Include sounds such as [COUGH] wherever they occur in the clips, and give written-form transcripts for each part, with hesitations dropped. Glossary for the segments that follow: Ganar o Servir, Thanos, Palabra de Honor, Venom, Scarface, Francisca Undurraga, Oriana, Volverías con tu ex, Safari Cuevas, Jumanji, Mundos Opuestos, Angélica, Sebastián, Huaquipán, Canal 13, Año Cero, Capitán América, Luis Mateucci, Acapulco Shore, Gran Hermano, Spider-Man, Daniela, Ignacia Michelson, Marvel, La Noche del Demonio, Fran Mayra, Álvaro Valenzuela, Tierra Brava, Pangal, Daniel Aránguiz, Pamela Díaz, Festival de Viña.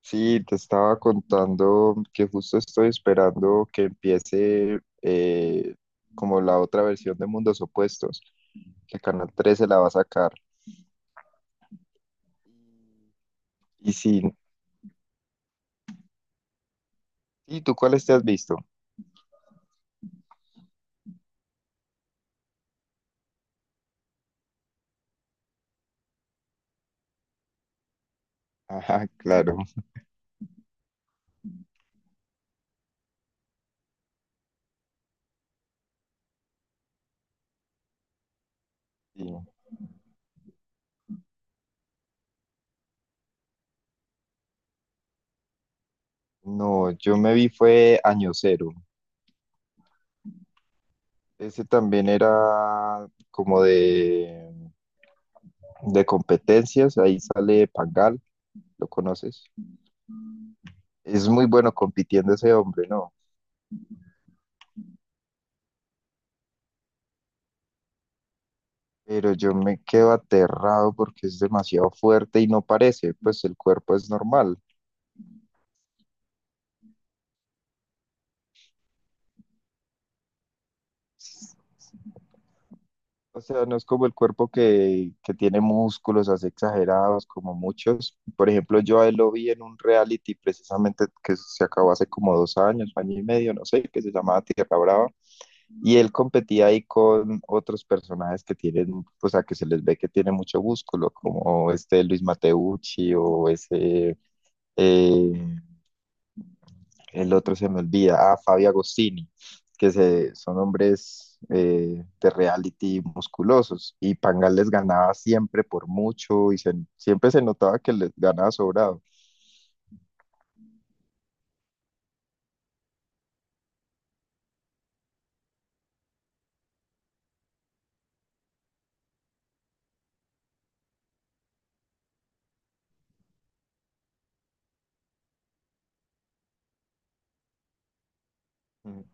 Sí, te estaba contando que justo estoy esperando que empiece como la otra versión de Mundos Opuestos, que Canal 13 la va a sacar. Y sí, ¿y tú cuáles te has visto? [LAUGHS] Ajá, claro. Sí. No, yo me vi fue Año Cero. Ese también era como de competencias, ahí sale Pangal, ¿lo conoces? Es muy bueno compitiendo ese hombre, ¿no? Pero yo me quedo aterrado porque es demasiado fuerte y no parece, pues el cuerpo es normal. O sea, no es como el cuerpo que tiene músculos así exagerados como muchos. Por ejemplo, yo a él lo vi en un reality precisamente que se acabó hace como dos años, año y medio, no sé, que se llamaba Tierra Brava. Y él competía ahí con otros personajes que tienen, o sea, que se les ve que tienen mucho músculo, como este Luis Mateucci o ese eh, el otro se me olvida, ah, Fabio Agostini, que se, son hombres de reality musculosos, y Pangal les ganaba siempre por mucho, y se- siempre se notaba que les ganaba sobrado. Mm,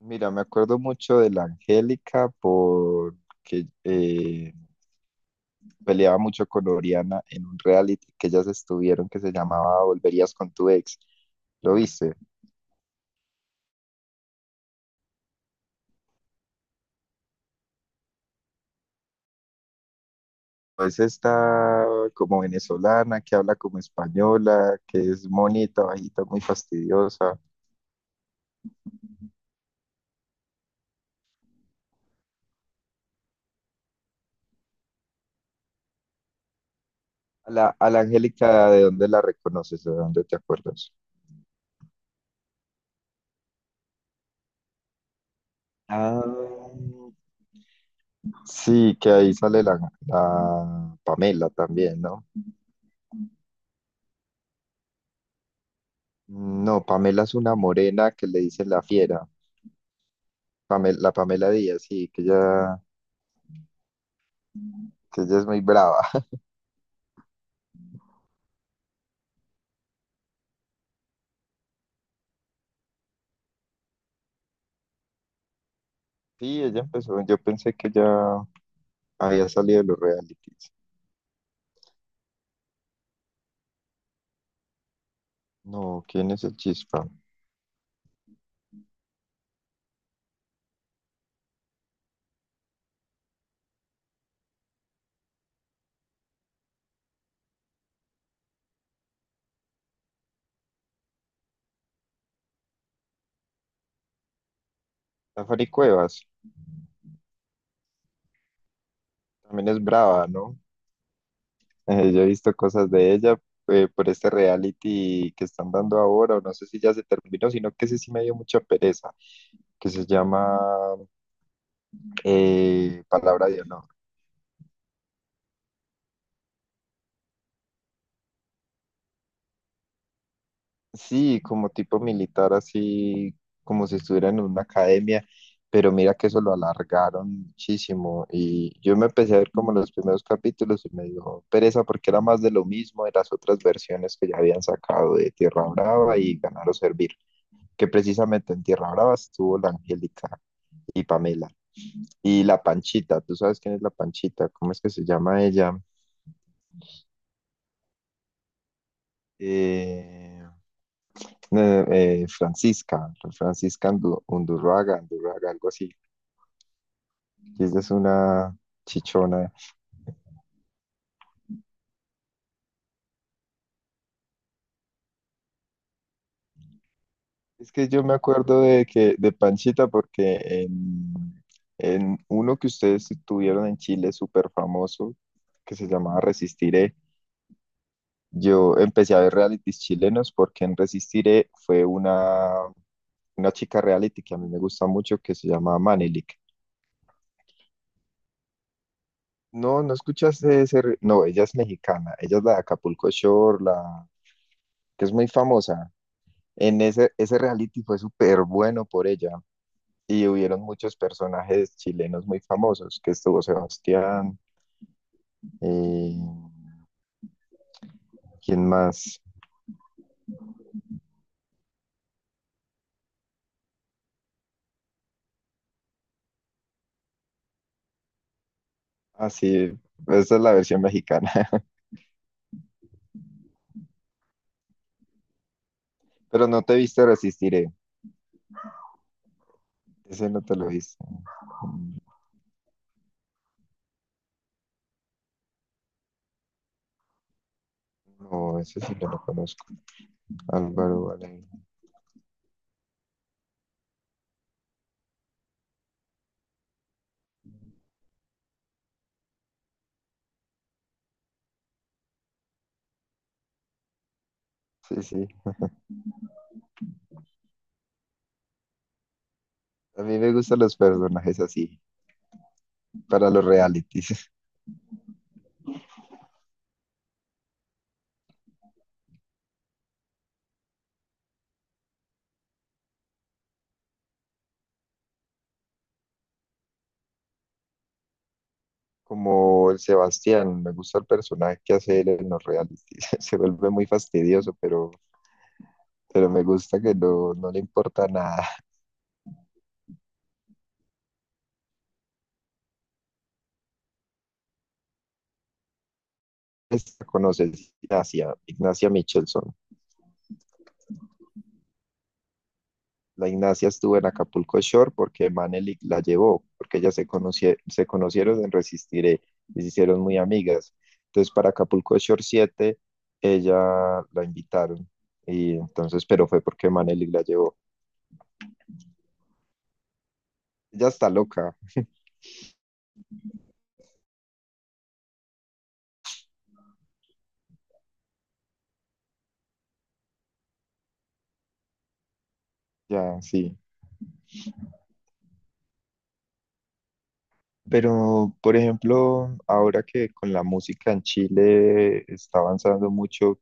mira, me acuerdo mucho de la Angélica porque peleaba mucho con Oriana en un reality que ellas estuvieron que se llamaba Volverías con tu ex. ¿Lo viste? Es esta como venezolana que habla como española, que es monita, bajita, muy fastidiosa. A la Angélica, ¿de dónde la reconoces? ¿De dónde te acuerdas? Ah, sí, que ahí sale la, la Pamela también, ¿no? No, Pamela es una morena que le dicen la fiera. Pame- la Pamela Díaz, sí, que ella es muy brava. [LAUGHS] Sí, ella empezó, yo pensé que ya había salido de los realities. No, ¿quién es el Chispa? Safari Cuevas también es brava, ¿no? Yo he visto cosas de ella por este reality que están dando ahora, o no sé si ya se terminó, sino que ese sí me dio mucha pereza, que se llama Palabra de Honor. Sí, como tipo militar, así como si estuviera en una academia, pero mira que eso lo alargaron muchísimo y yo me empecé a ver como los primeros capítulos y me dio pereza porque era más de lo mismo de las otras versiones que ya habían sacado de Tierra Brava y Ganar o Servir, que precisamente en Tierra Brava estuvo la Angélica y Pamela y la Panchita, ¿tú sabes quién es la Panchita? ¿Cómo es que se llama ella? Eh, no, Francisca, Francisca Andu- Undurraga, Undurraga, algo así. Y ella es una chichona. Es que yo me acuerdo de que de Panchita porque en uno que ustedes tuvieron en Chile súper famoso que se llamaba Resistiré. Yo empecé a ver realities chilenos porque en Resistiré fue una chica reality que a mí me gusta mucho que se llama Manelik. No, no escuchaste ese. Re- no, ella es mexicana. Ella es la de Acapulco Shore, la que es muy famosa. En ese, ese reality fue súper bueno por ella. Y hubieron muchos personajes chilenos muy famosos, que estuvo Sebastián, eh, ¿quién más? Así, esa es la versión mexicana. [LAUGHS] Pero no te viste Resistiré. Ese no te lo viste. No, ese sí no lo conozco. Álvaro Valenzuela. Sí, sí. A mí me gustan los personajes así, para los realities. [LAUGHS] Como el Sebastián, me gusta el personaje que hace él en los realities. [LAUGHS] Se vuelve muy fastidioso, pero me gusta que no, no le importa nada. [LAUGHS] Esta conoces Ignacia, Ignacia Michelson. La Ignacia estuvo en Acapulco Shore porque Manelik la llevó, porque ellas se, conocie- se conocieron en Resistiré y se hicieron muy amigas. Entonces, para Acapulco Shore 7 ella la invitaron. Y entonces, pero fue porque Manelik la llevó. Ella está loca, [LAUGHS] ya, sí. Pero, por ejemplo, ahora que con la música en Chile está avanzando mucho,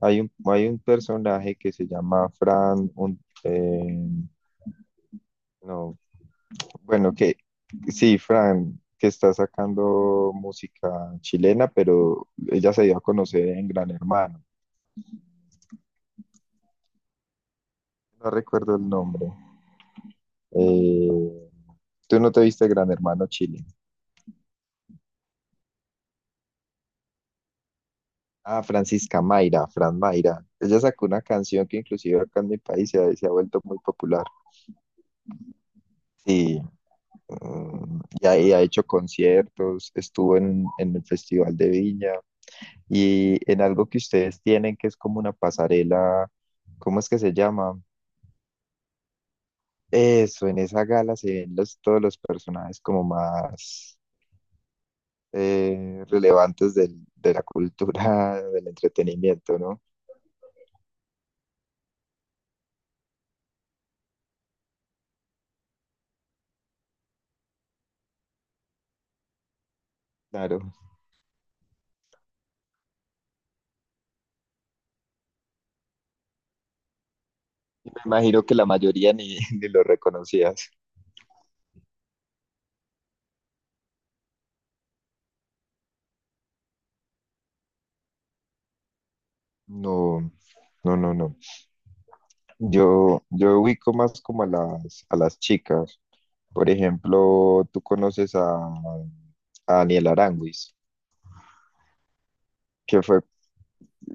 hay un personaje que se llama Fran, un, no, bueno, que sí, Fran, que está sacando música chilena, pero ella se dio a conocer en Gran Hermano. No recuerdo el nombre. Eh, ¿Tú no te viste Gran Hermano Chile? Ah, Francisca Mayra, Fran Mayra. Ella sacó una canción que inclusive acá en mi país se ha vuelto muy popular. Sí, mm, y ha hecho conciertos, estuvo en el Festival de Viña, y en algo que ustedes tienen que es como una pasarela, ¿cómo es que se llama? Eso, en esa gala se ven los, todos los personajes como más relevantes del- de la cultura, [LAUGHS] del entretenimiento, ¿no? Claro, me imagino que la mayoría ni, [LAUGHS] ni lo reconocías. No, no, no, no. Yo ubico más como a las chicas. Por ejemplo, tú conoces a Daniel Aránguiz, que fue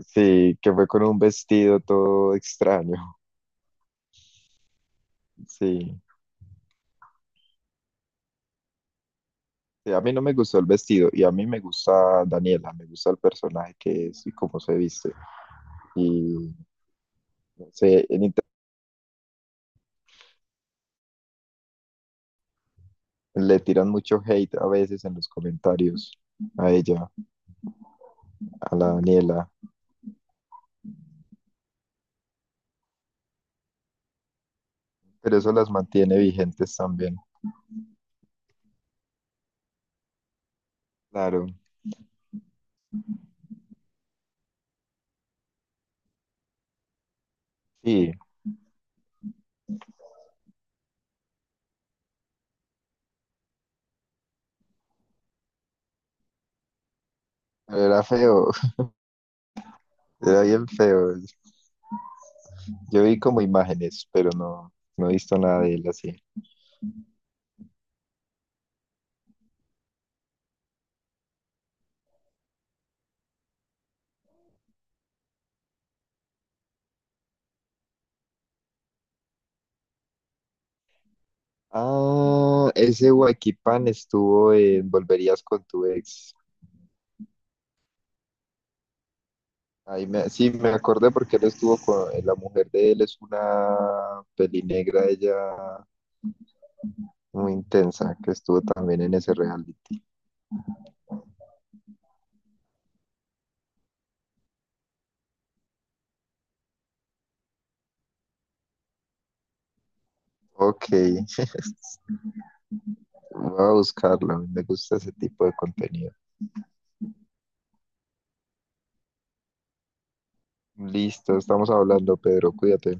sí, que fue con un vestido todo extraño. [LAUGHS] Sí. Sí, a mí no me gustó el vestido y a mí me gusta Daniela, me gusta el personaje que es y cómo se viste. Y se en inter- le tiran mucho hate a veces en los comentarios a ella, a la Daniela, pero eso las mantiene vigentes también. Claro, sí, pero era feo, [LAUGHS] era bien feo. Yo vi como imágenes, pero no, no he visto nada de él así. Ah, ese Huaquipán estuvo en Volverías con tu ex. Ahí me, sí, me acordé porque él estuvo con la mujer de él, es una pelinegra, ella muy intensa, que estuvo también en ese reality. Ok, [LAUGHS] voy a buscarlo, me gusta ese tipo de contenido. Listo, estamos hablando, Pedro, cuídate.